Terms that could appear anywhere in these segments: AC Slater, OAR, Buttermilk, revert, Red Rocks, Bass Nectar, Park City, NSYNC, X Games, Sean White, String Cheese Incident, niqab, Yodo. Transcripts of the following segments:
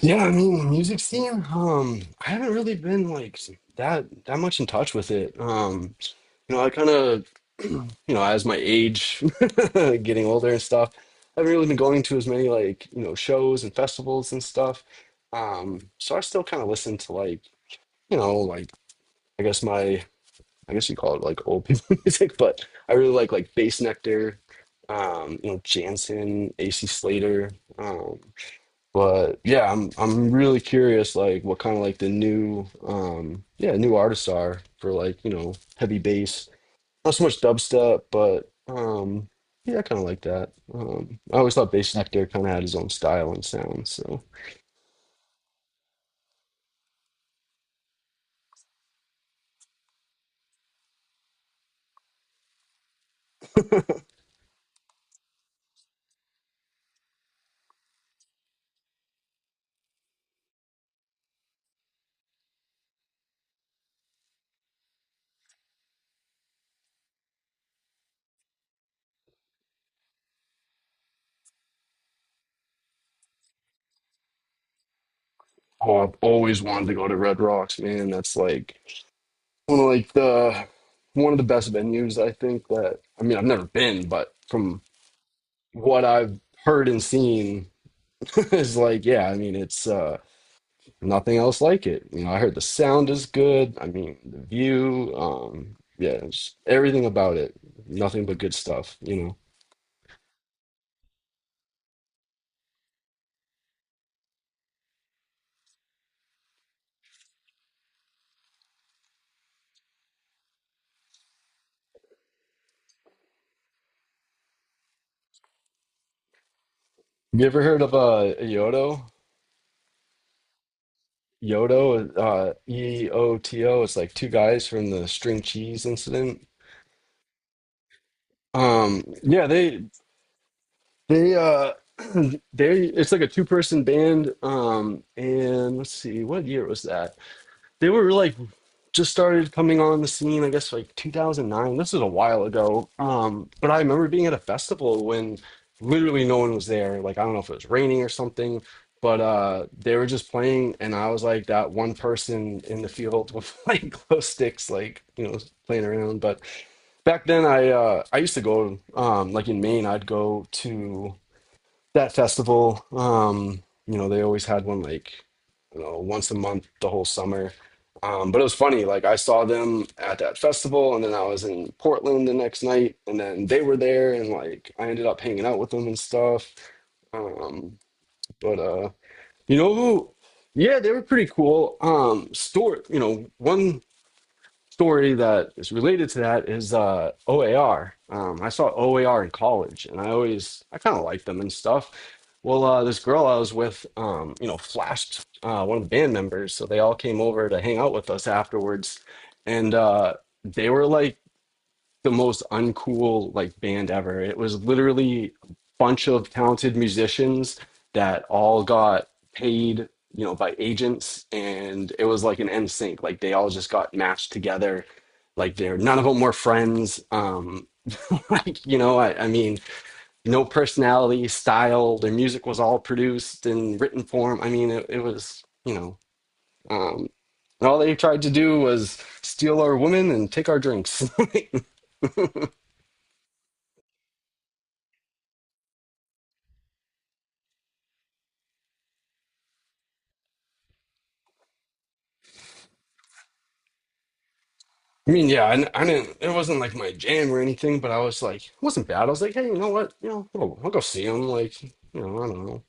Yeah, I mean, music scene. I haven't really been like that much in touch with it. You know, I kind of, you know, as my age, getting older and stuff, I haven't really been going to as many like, you know, shows and festivals and stuff. So I still kind of listen to like, you know, like I guess my, I guess you call it like old people music, but I really like Bass Nectar, you know, Jansen, AC Slater. um. But yeah, I'm really curious like what kind of like the new yeah, new artists are for like, you know, heavy bass. Not so much dubstep, but yeah, I kind of like that. I always thought Bass Nectar kind of had his own style and sound, so oh, I've always wanted to go to Red Rocks, man. That's like one of like the one of the best venues I think that I mean, I've never been, but from what I've heard and seen, is like, yeah, I mean, it's nothing else like it. You know, I heard the sound is good. I mean, the view, yeah, just everything about it. Nothing but good stuff, you know. You ever heard of Yodo? Yodo, EOTO. It's like two guys from the String Cheese Incident. Yeah, they they it's like a two-person band. And let's see, what year was that? They were like just started coming on the scene, I guess like 2009. This is a while ago. But I remember being at a festival when literally no one was there. Like, I don't know if it was raining or something, but they were just playing. And I was like that one person in the field with like glow sticks, like, you know, playing around. But back then I used to go like in Maine I'd go to that festival. You know, they always had one like, you know, once a month the whole summer. But it was funny, like I saw them at that festival and then I was in Portland the next night and then they were there and like I ended up hanging out with them and stuff. Um, but you know who? Yeah, they were pretty cool. Stuart. You know, one story that is related to that is OAR. I saw OAR in college, and I kind of liked them and stuff. Well, this girl I was with, you know, flashed one of the band members, so they all came over to hang out with us afterwards, and they were like the most uncool like band ever. It was literally a bunch of talented musicians that all got paid, you know, by agents, and it was like an NSYNC. Like they all just got matched together. Like they're none of them were friends. Like you know, I mean, no personality, style. Their music was all produced in written form. I mean, it, it was. Um, and all they tried to do was steal our women and take our drinks. I mean, yeah, I didn't. It wasn't like my jam or anything, but I was like, it wasn't bad. I was like, hey, you know what? You know, I'll go see him. Like, you know, I don't know.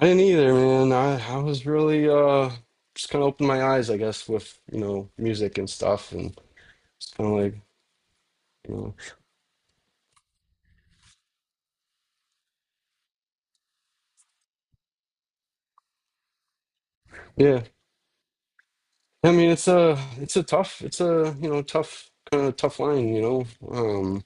I didn't either, man. I was really just kind of opened my eyes, I guess, with you know music and stuff, and it's kind of like, you know, yeah. I mean, it's a tough it's a you know tough kind of tough line, you know. Um,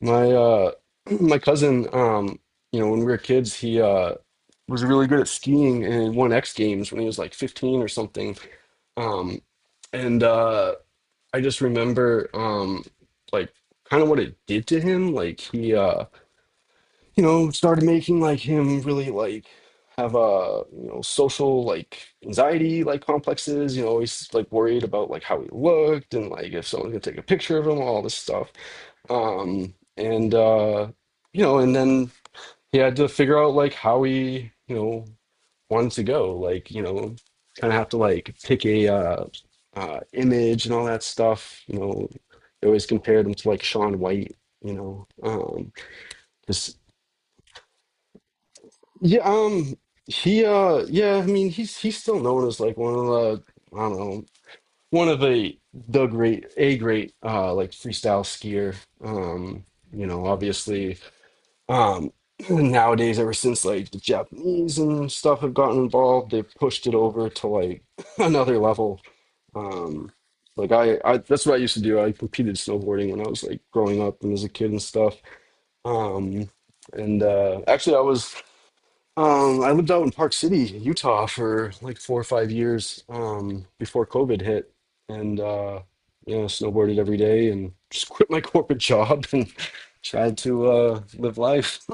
My my cousin, you know, when we were kids, he was really good at skiing and won X Games when he was like 15 or something. Um and I just remember like kind of what it did to him. Like he you know, started making like him really like have you know social like anxiety like complexes. You know, always like worried about like how he looked and like if someone's gonna take a picture of him, all this stuff. And you know, and then he had to figure out like how he you know wanted to go. Like you know, kind of have to like pick a image and all that stuff. You know, they always compared him to like Sean White. You know, because yeah, he, yeah, I mean, he's still known as like one of the, I don't know, one of the great a great like freestyle skier. Um, you know, obviously, um, nowadays ever since like the Japanese and stuff have gotten involved, they've pushed it over to like another level. Um, like I that's what I used to do. I competed snowboarding when I was like growing up and as a kid and stuff. Um, and actually, I was. I lived out in Park City, Utah for like four or five years, before COVID hit. And, you know, snowboarded every day and just quit my corporate job and tried to live life.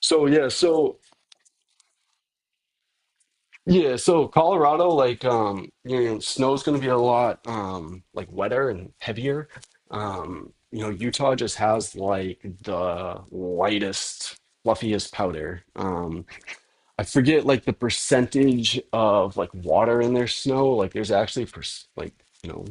So, yeah, so, yeah, so Colorado, like, you know, snow's going to be a lot like wetter and heavier. You know, Utah just has like the lightest, fluffiest powder. I forget like the percentage of like water in their snow. Like there's actually per like you know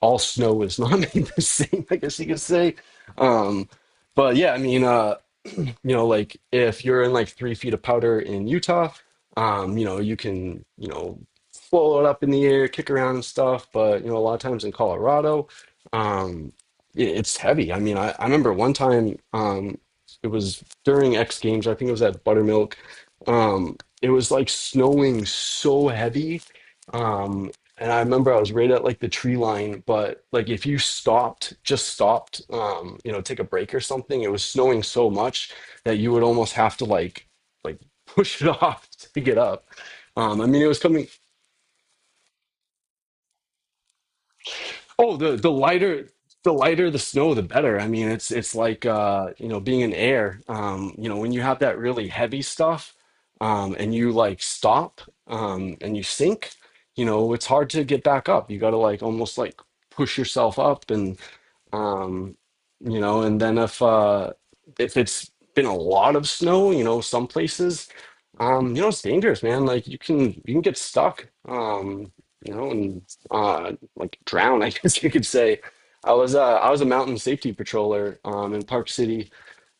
all snow is not made the same. I guess you could say. Um, but yeah, I mean, you know, like if you're in like 3 feet of powder in Utah, you know, you can, you know, float it up in the air, kick around and stuff. But, you know, a lot of times in Colorado, um, it's heavy. I mean, I remember one time, it was during X Games, I think it was at Buttermilk. It was like snowing so heavy. Um, and I remember I was right at like the tree line, but like if you stopped, just stopped, you know, take a break or something, it was snowing so much that you would almost have to like push it off to get up. I mean, it was coming. Oh, the lighter the snow, the better. I mean, it's like you know being in air. You know, when you have that really heavy stuff, and you like stop and you sink, you know, it's hard to get back up. You got to like almost like push yourself up and. um you know, and then if it's been a lot of snow, you know, some places, you know, it's dangerous, man. Like you can get stuck, you know, and like drown. I guess you could say I was a mountain safety patroller in Park City,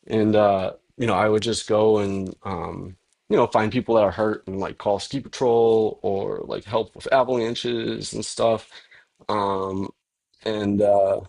and you know, I would just go and you know find people that are hurt and like call ski patrol or like help with avalanches and stuff. Um and uh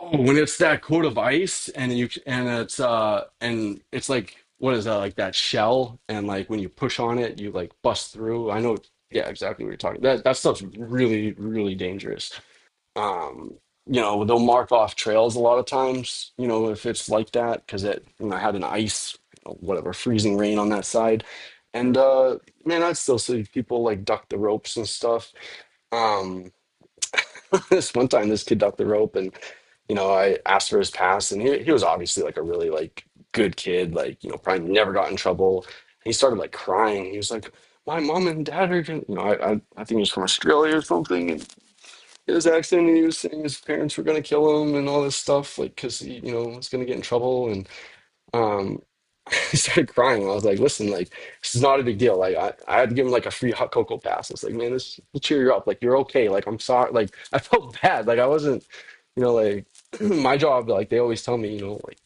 Oh, when it's that coat of ice, and it's like what is that, like that shell, and like when you push on it you like bust through. I know, yeah, exactly what you're talking. That stuff's really, really dangerous. Um you know, they'll mark off trails a lot of times. You know, if it's like that because it, you know, had an ice, whatever, freezing rain on that side. And man, I still see people like duck the ropes and stuff. Um this one time this kid ducked the rope, and you know, I asked for his pass, and he was obviously like a really like good kid, like you know, probably never got in trouble. And he started like crying. He was like, "My mom and dad are gonna," you know, I think he was from Australia or something, and in his accent. And he was saying his parents were gonna kill him and all this stuff, like because he, you know, was gonna get in trouble. And. Um, I started crying. I was like, listen, like, this is not a big deal. Like, I had to give him like a free hot cocoa pass. It's like, man, this will cheer you up. Like, you're okay. Like, I'm sorry. Like, I felt bad. Like, I wasn't, you know, like, my job, like, they always tell me, you know, like,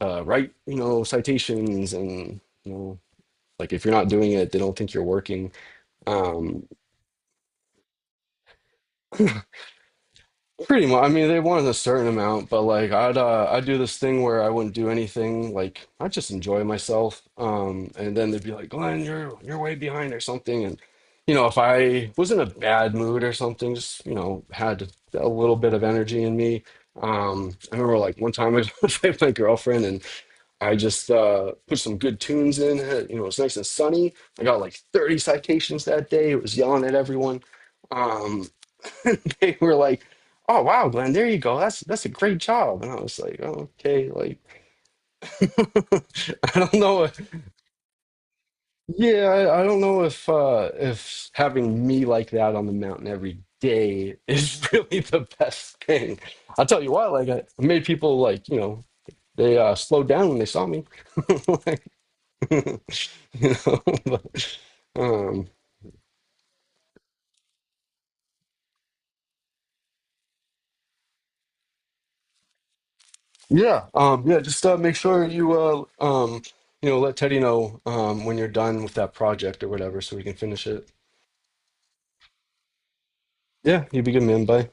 write, you know, citations and, you know, like, if you're not doing it, they don't think you're working. Um, Pretty much. I mean, they wanted a certain amount, but like I'd do this thing where I wouldn't do anything. Like I just enjoy myself. And then they'd be like, "Glenn, you're way behind or something." And you know, if I was in a bad mood or something, just you know, had a little bit of energy in me. I remember like one time I was with my girlfriend, and I just put some good tunes in. You know, it was nice and sunny. I got like 30 citations that day. It was yelling at everyone. Um, they were like, "Oh wow, Glenn, there you go. That's a great job." And I was like, oh, "Okay, like I don't know. If, yeah, I don't know if having me like that on the mountain every day is really the best thing. I'll tell you what. Like I made people like you know they slowed down when they saw me. Like, you know, but, um. Yeah, yeah. Just make sure you, you know, let Teddy know when you're done with that project or whatever, so we can finish it. Yeah, you'd be good, man. Bye.